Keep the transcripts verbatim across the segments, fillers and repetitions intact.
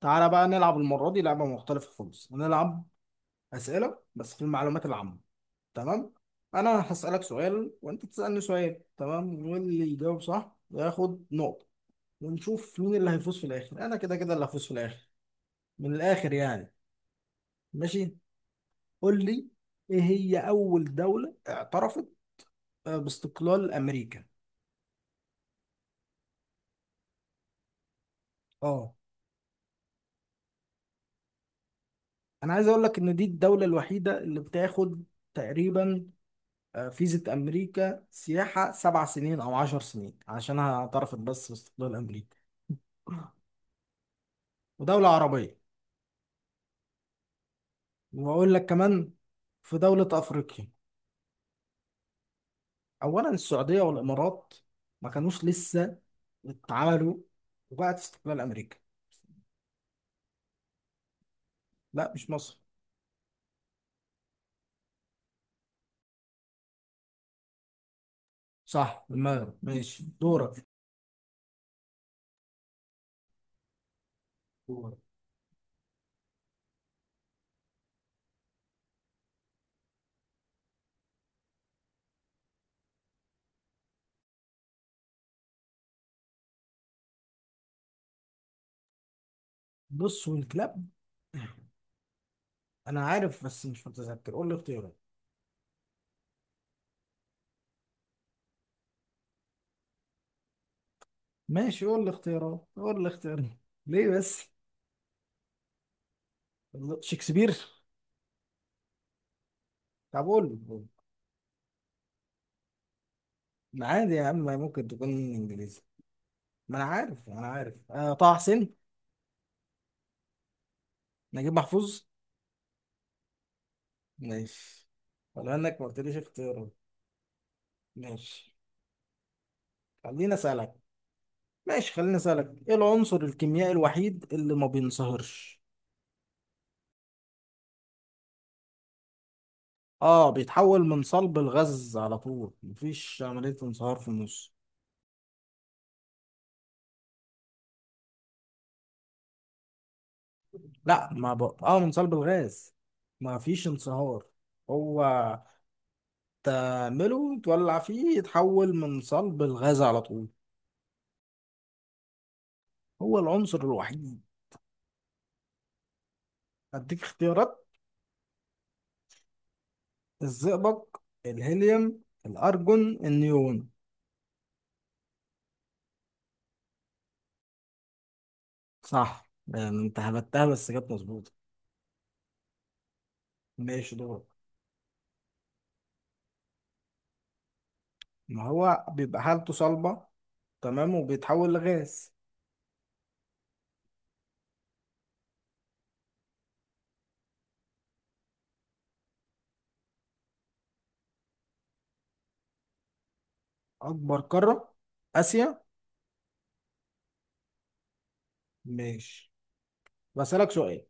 تعالى بقى نلعب المرة دي لعبة مختلفة خالص، هنلعب أسئلة بس في المعلومات العامة. تمام. أنا هسألك سؤال وأنت تسألني سؤال، تمام، واللي يجاوب صح ياخد نقطة، ونشوف مين اللي هيفوز في الآخر. أنا كده كده اللي هفوز في الآخر، من الآخر يعني. ماشي. قول لي إيه هي أول دولة اعترفت، آه، باستقلال أمريكا؟ أه. أنا عايز أقول لك إن دي الدولة الوحيدة اللي بتاخد تقريبا آه، فيزا أمريكا سياحة سبع سنين أو عشر سنين، عشان اعترفت بس باستقلال أمريكا، ودولة عربية. وأقول لك كمان في دولة أفريقيا. أولا السعودية والإمارات ما كانوش لسه اتعملوا، وبعد استقلال أمريكا. لا، مش مصر. صح، المغرب، ماشي دورك. دورك. بص والكلاب، أنا عارف بس مش متذكر، قول لي اختيارات. ماشي قول لي اختيارات، قول لي اختيارات. ليه بس؟ شكسبير. طب قول لي. عادي يا عم، ما ممكن تكون انجليزي. ما انا عارف ما انا عارف آه طه حسين. نجيب محفوظ. ماشي، ولا انك ما قلتليش اختيارات. ماشي خليني اسالك. ماشي خليني اسالك ايه العنصر الكيميائي الوحيد اللي ما بينصهرش؟ اه، بيتحول من صلب الغاز على طول، مفيش عملية انصهار في النص. لا، ما ب... اه من صلب الغاز، ما فيش انصهار. هو تعمله تولع فيه يتحول من صلب الغاز على طول. هو العنصر الوحيد. أديك اختيارات: الزئبق، الهيليوم، الأرجون، النيون. صح، يعني أنت هبتها بس كانت مظبوطة. ماشي دورك. ما هو بيبقى حالته صلبة، تمام، وبيتحول لغاز. أكبر قارة، آسيا. ماشي، بسألك سؤال،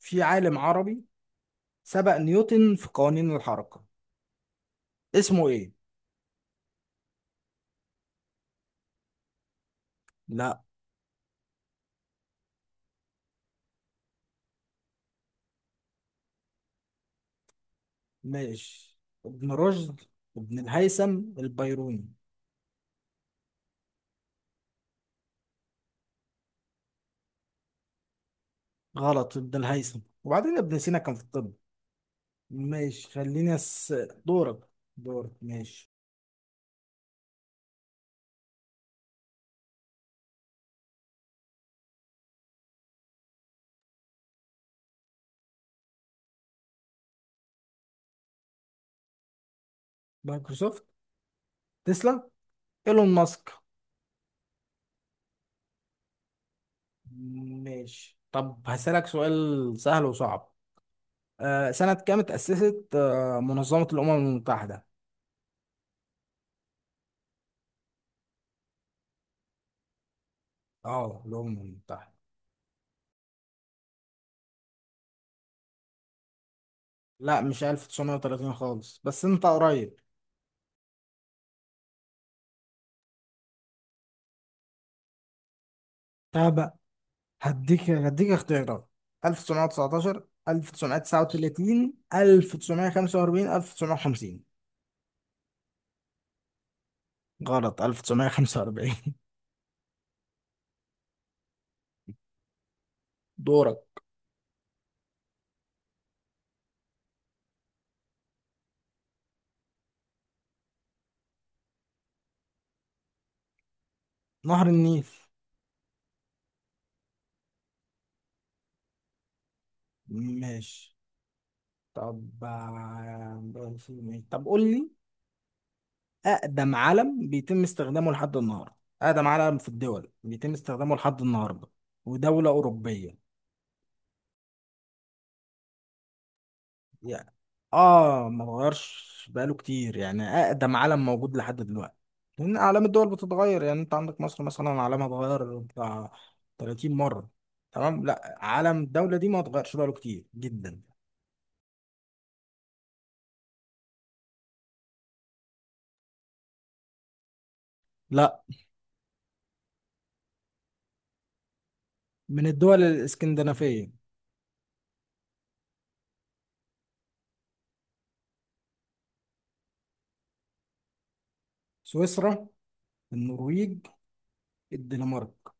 في عالم عربي سبق نيوتن في قوانين الحركة، اسمه إيه؟ لا. ماشي: ابن رشد، ابن الهيثم، البيروني. غلط، ابن الهيثم، وبعدين ابن سينا كان في الطب. ماشي، خليني أس... دورك. دورك ماشي. مايكروسوفت. تسلا. ايلون ماسك. ماشي، طب هسألك سؤال سهل وصعب. آه سنة كام اتأسست آه منظمة الأمم المتحدة؟ اه، الأمم المتحدة. لا مش ألف تسعمية وتلاتين خالص، بس انت قريب. طب هديك هديك اختيارات: ألف تسعمية وتسعتاشر، ألف تسعمية وتسعة وتلاتين، ألف تسعمية وخمسة وأربعين، ألف تسعمية وخمسين. غلط، ألف تسعمية وخمسة وأربعين. دورك. نهر النيل. ماشي، طب آه، طب قول لي أقدم علم بيتم استخدامه لحد النهاردة، أقدم علم في الدول بيتم استخدامه لحد النهاردة، ودولة أوروبية. يعني آه ما اتغيرش بقاله كتير، يعني أقدم علم موجود لحد دلوقتي، لأن أعلام الدول بتتغير. يعني أنت عندك مصر مثلا علمها اتغير بتاع تلاتين مرة، تمام، لا علم الدولة دي ما اتغيرش بقاله كتير جدا. لا، من الدول الاسكندنافية: سويسرا، النرويج، الدنمارك.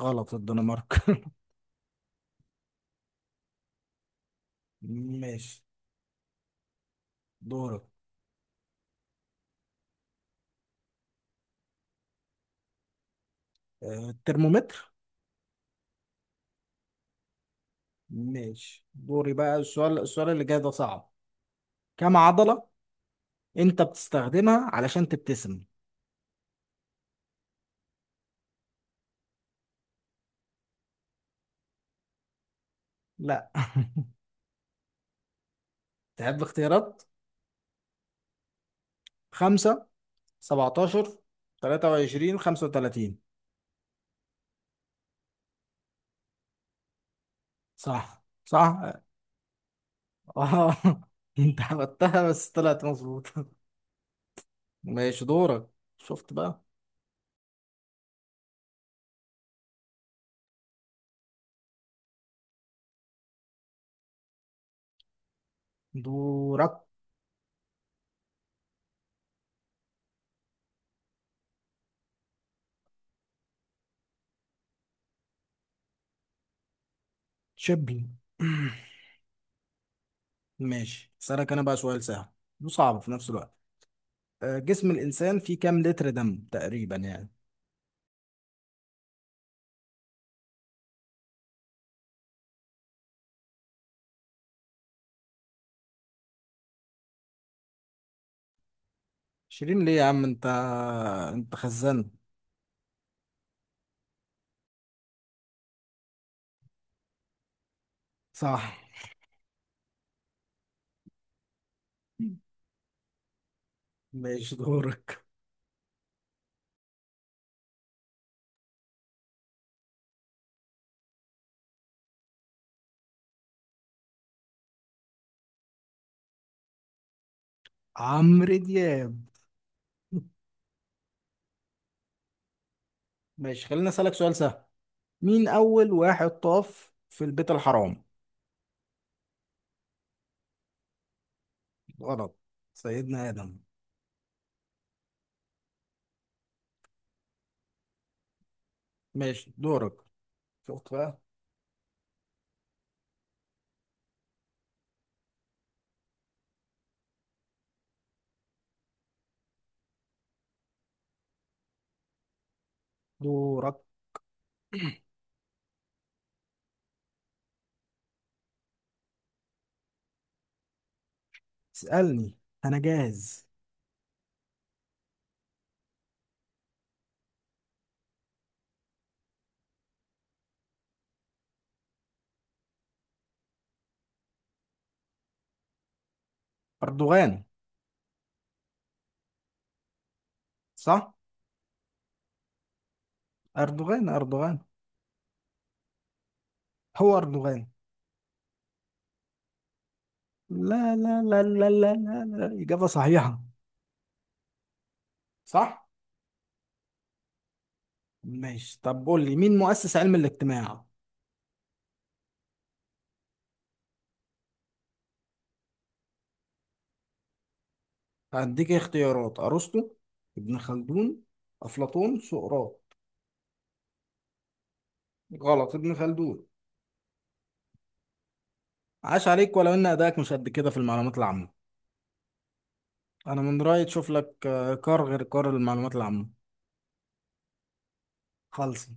غلط، الدنمارك. ماشي دورك. آه، الترمومتر. ماشي، دوري بقى. السؤال السؤال اللي جاي ده صعب. كم عضلة انت بتستخدمها علشان تبتسم؟ لا. تحب اختيارات؟ خمسة، سبعتاشر، تلاتة وعشرين، خمسة وتلاتين. صح، صح. اه. انت عملتها بس طلعت مظبوطة. ماشي دورك، شفت بقى. دورك. تشبي. ماشي اسألك انا بقى سؤال سهل وصعب في نفس الوقت. آه، جسم الانسان فيه كام لتر دم تقريبا يعني؟ شيرين ليه يا عم انت، انت خزان. صح. ماشي دورك. عمرو دياب. ماشي خلينا اسألك سؤال سهل. مين اول واحد طاف في البيت الحرام؟ غلط، سيدنا ادم. ماشي دورك، شفت بقى. دورك. اسألني، انا جاهز. اردوغان. صح. اردوغان، اردوغان. هو اردوغان. لا، لا، لا، لا، لا، لا، لا، إجابة صحيحة. صح؟ ماشي طب قول لي مين مؤسس علم الاجتماع؟ هديك اختيارات: أرسطو، ابن خلدون، أفلاطون، سقراط. غلط، ابن خلدون. عاش عليك، ولو إن أدائك مش قد كده في المعلومات العامة. أنا من رأيي تشوف لك آه، كار غير كار المعلومات العامة. خلص.